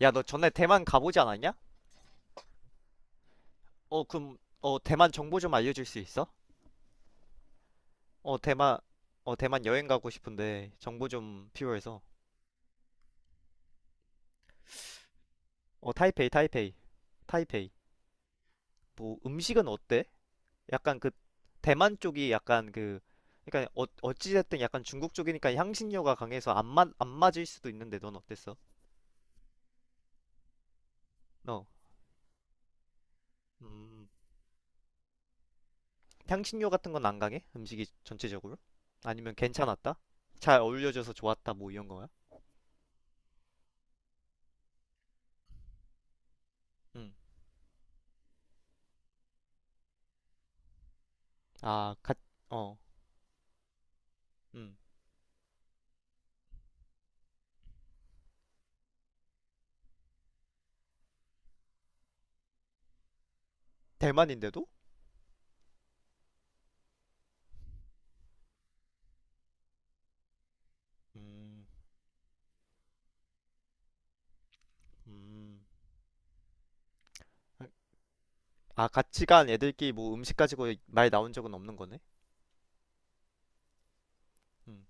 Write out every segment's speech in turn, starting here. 야, 너 전에 대만 가보지 않았냐? 어, 그럼, 어, 대만 정보 좀 알려줄 수 있어? 어, 대만, 어, 대만 여행 가고 싶은데 정보 좀 필요해서. 어, 타이페이. 뭐, 음식은 어때? 약간 그, 대만 쪽이 약간 그, 그러니까 어, 어찌됐든 약간 중국 쪽이니까 향신료가 강해서 안 맞을 수도 있는데 넌 어땠어? 어, 음, 향신료 같은 건 안 강해? 음식이 전체적으로? 아니면 괜찮았다? 잘 어울려져서 좋았다, 뭐 이런 거야? 음, 아, 가, 어, 음. 대만인데도? 음, 음, 아, 같이 간 애들끼리 뭐 음식 가지고 말 나온 적은 없는 거네? 음,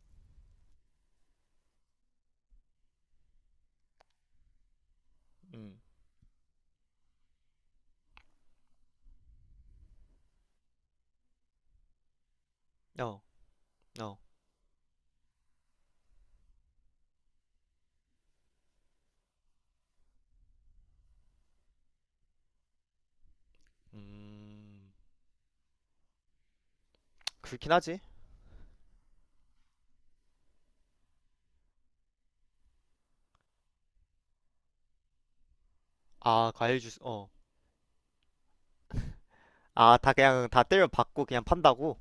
음. 어, 어. 음. 그렇긴 하지. 아, 과일 주스, 어. 아, 다 그냥 다 때려 박고 그냥 판다고?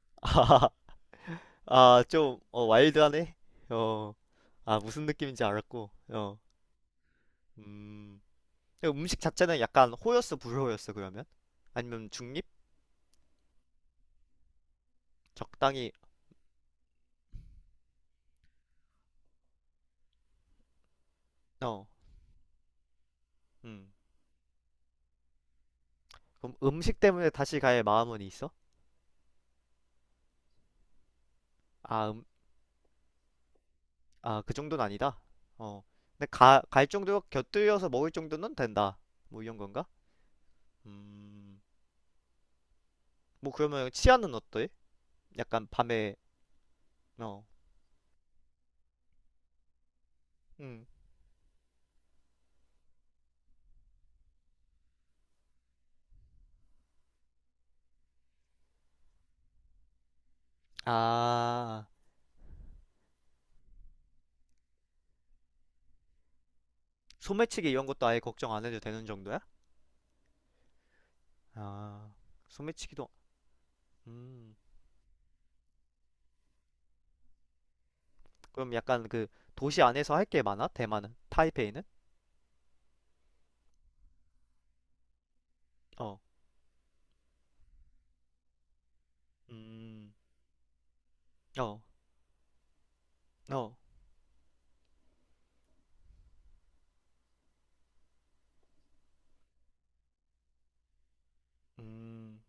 아, 아, 좀, 어, 와일드하네? 어, 아, 무슨 느낌인지 알았고, 어. 음, 근데 음식 자체는 약간 호였어, 불호였어, 그러면? 아니면 중립? 적당히, 어. 음. 그럼 음식 때문에 다시 갈 마음은 있어? 아, 아, 그 정도는 아니다. 어. 근데 갈 정도, 곁들여서 먹을 정도는 된다. 뭐 이런 건가? 음. 뭐 그러면 치아는 어때? 약간 밤에, 어. 음. 아, 소매치기 이런 것도 아예 걱정 안 해도 되는 정도야? 아, 소매치기도, 음. 그럼 약간 그 도시 안에서 할게 많아? 대만은? 타이페이는? 어. 음. 어. 어. 음.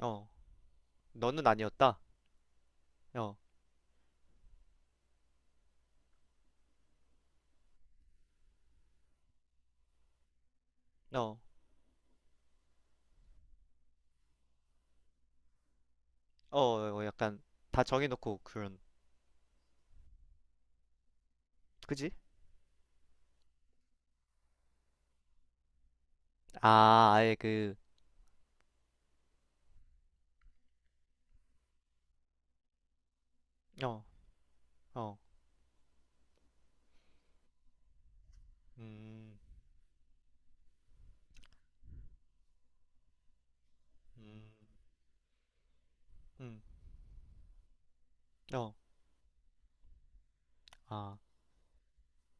어. 너는 아니었다? 어. 어. 어, 어, 약간 다 정해놓고 그런, 그지? 아, 아예 그, 어, 어, 음, 음, 음, 어, 아,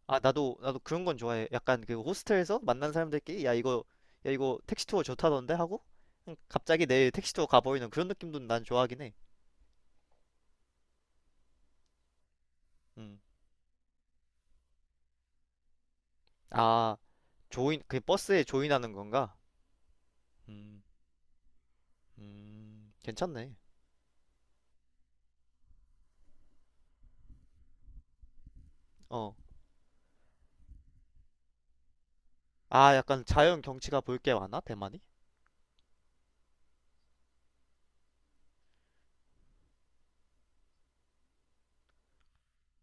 아, 나도, 나도 그런 건 좋아해. 약간 그 호스텔에서 만난 사람들끼리, 야, 이거, 야, 이거 택시 투어 좋다던데? 하고, 그냥 갑자기 내일 택시 투어 가버리는 그런 느낌도 난 좋아하긴 해. 음, 아, 조인, 그 버스에 조인하는 건가? 음, 괜찮네. 어, 아, 약간 자연 경치가 볼 게 많아, 대만이?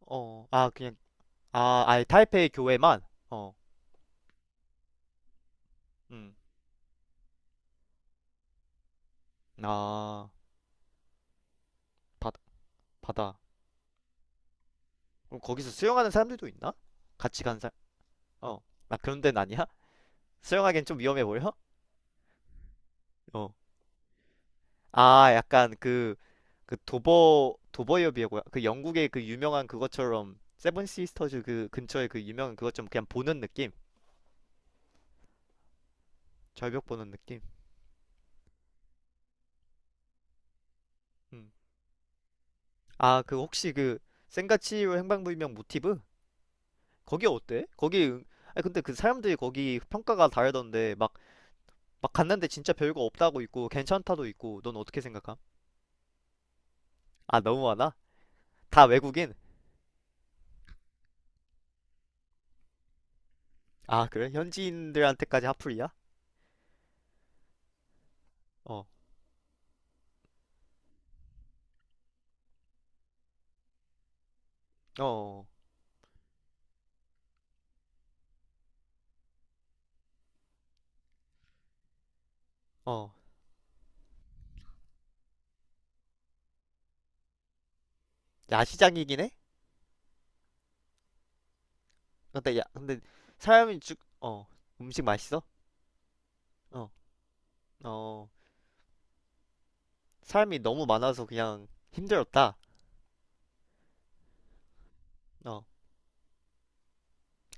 어, 아, 그냥 아, 아예 타이페이 교회만? 어, 음, 아, 바다, 바다. 그럼 거기서 수영하는 사람들도 있나? 같이 간 사람, 어, 아, 그런 데는 아니야? 수영하기엔 좀 위험해 보여? 어, 아, 약간 그, 그 도버협이고요. 그 영국의 그 유명한 그것처럼, 세븐 시스터즈 그 근처에 그 유명한 그것처럼 그냥 보는 느낌? 절벽 보는 느낌? 음. 아, 그 혹시 그, 센가치로 행방불명 모티브? 거기 어때? 거기, 응- 아니, 근데 그 사람들이 거기 평가가 다르던데, 막, 막 갔는데 진짜 별거 없다고 있고 괜찮다도 있고 넌 어떻게 생각함? 아 너무 많아? 다 외국인? 아 그래? 현지인들한테까지 핫플이야? 어, 어, 어. 어. 야시장이긴 해? 근데 야, 근데 사람이 죽, 어, 음식 맛있어? 어, 어. 사람이 너무 많아서 그냥 힘들었다. 어,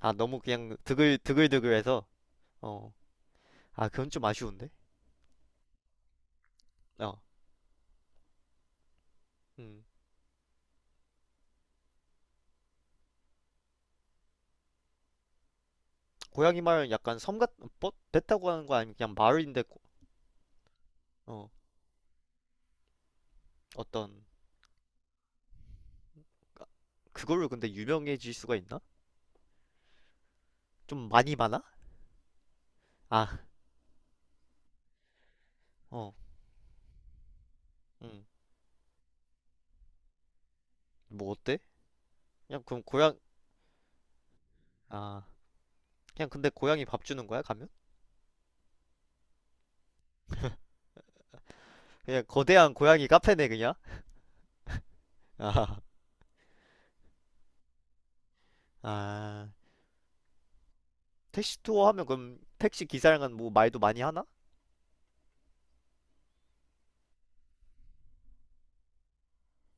아 너무 그냥 드글 드글드글해서 어, 아 그건 좀 아쉬운데? 어, 음. 고양이 마을은 약간 섬 같, 뭐? 배 타고 가는 거 아니면 그냥 마을인데 고- 어, 어떤 그걸로 근데 유명해질 수가 있나? 좀 많이 많아? 아, 어, 음, 뭐 어때? 그냥 그럼 고양, 아, 그냥 근데 고양이 밥 주는 거야, 가면? 그냥 거대한 고양이 카페네, 그냥? 아, 아, 택시 투어 하면 그럼 택시 기사랑은 뭐 말도 많이 하나?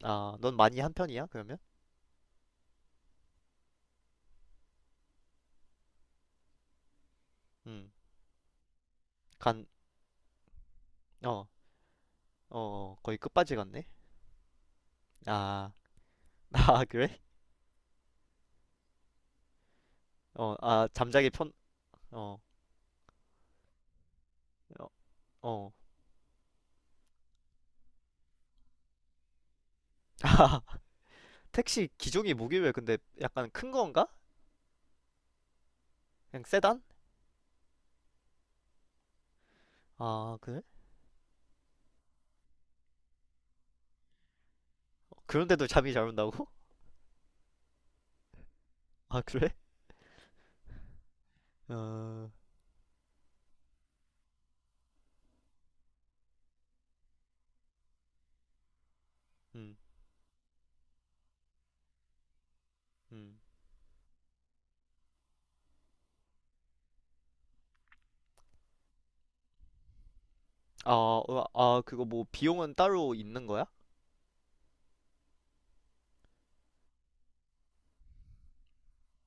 아, 넌 많이 한 편이야, 그러면? 음, 간, 어, 어, 어, 거의 끝까지 갔네? 아, 아, 그래? 어, 아, 잠자기 편, 어, 어, 어. 아, 택시 기종이 뭐길래 근데 약간 큰 건가? 그냥 세단? 아, 그래? 그런데도 잠이 잘 온다고? 아, 그래? 어, 음, 음. 아, 어, 아, 그거 뭐 비용은 따로 있는 거야?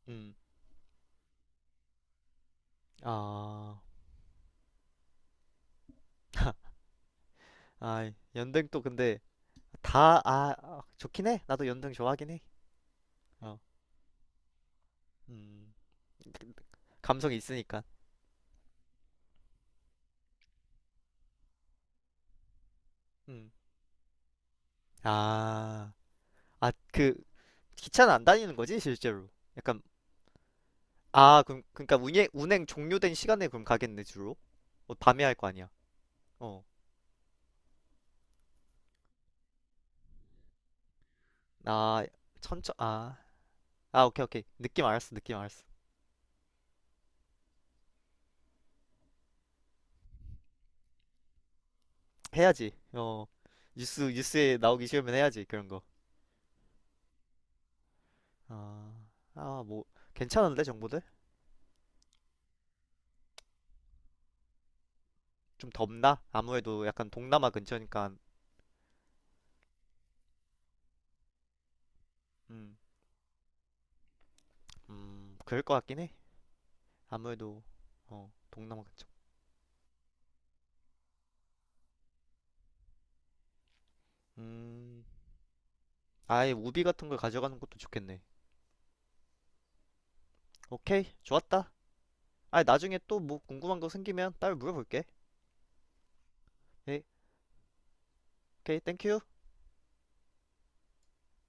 음. 아, 아, 연등 또 근데 다, 아, 아, 좋긴 해. 나도 연등 좋아하긴 해. 어, 음. 감성이 있으니까. 음. 아, 아, 그 기차는 안 다니는 거지, 실제로? 약간, 아, 그럼, 그러니까 운행 종료된 시간에 그럼 가겠네, 주로? 어, 밤에 할 거 아니야. 어. 아, 아. 아, 오케이, 오케이. 느낌 알았어, 느낌 알았어. 해야지. 어, 뉴스, 뉴스에 나오기 싫으면 해야지, 그런 거. 아, 아, 뭐, 괜찮은데, 정보들? 좀 덥나? 아무래도 약간 동남아 근처니까, 음, 그럴 것 같긴 해. 아무래도, 어, 동남아 근처. 음, 아예 우비 같은 걸 가져가는 것도 좋겠네. 오케이, 좋았다. 아, 나중에 또 뭐 궁금한 거 생기면 따로 물어볼게. 예, 오케이, 땡큐.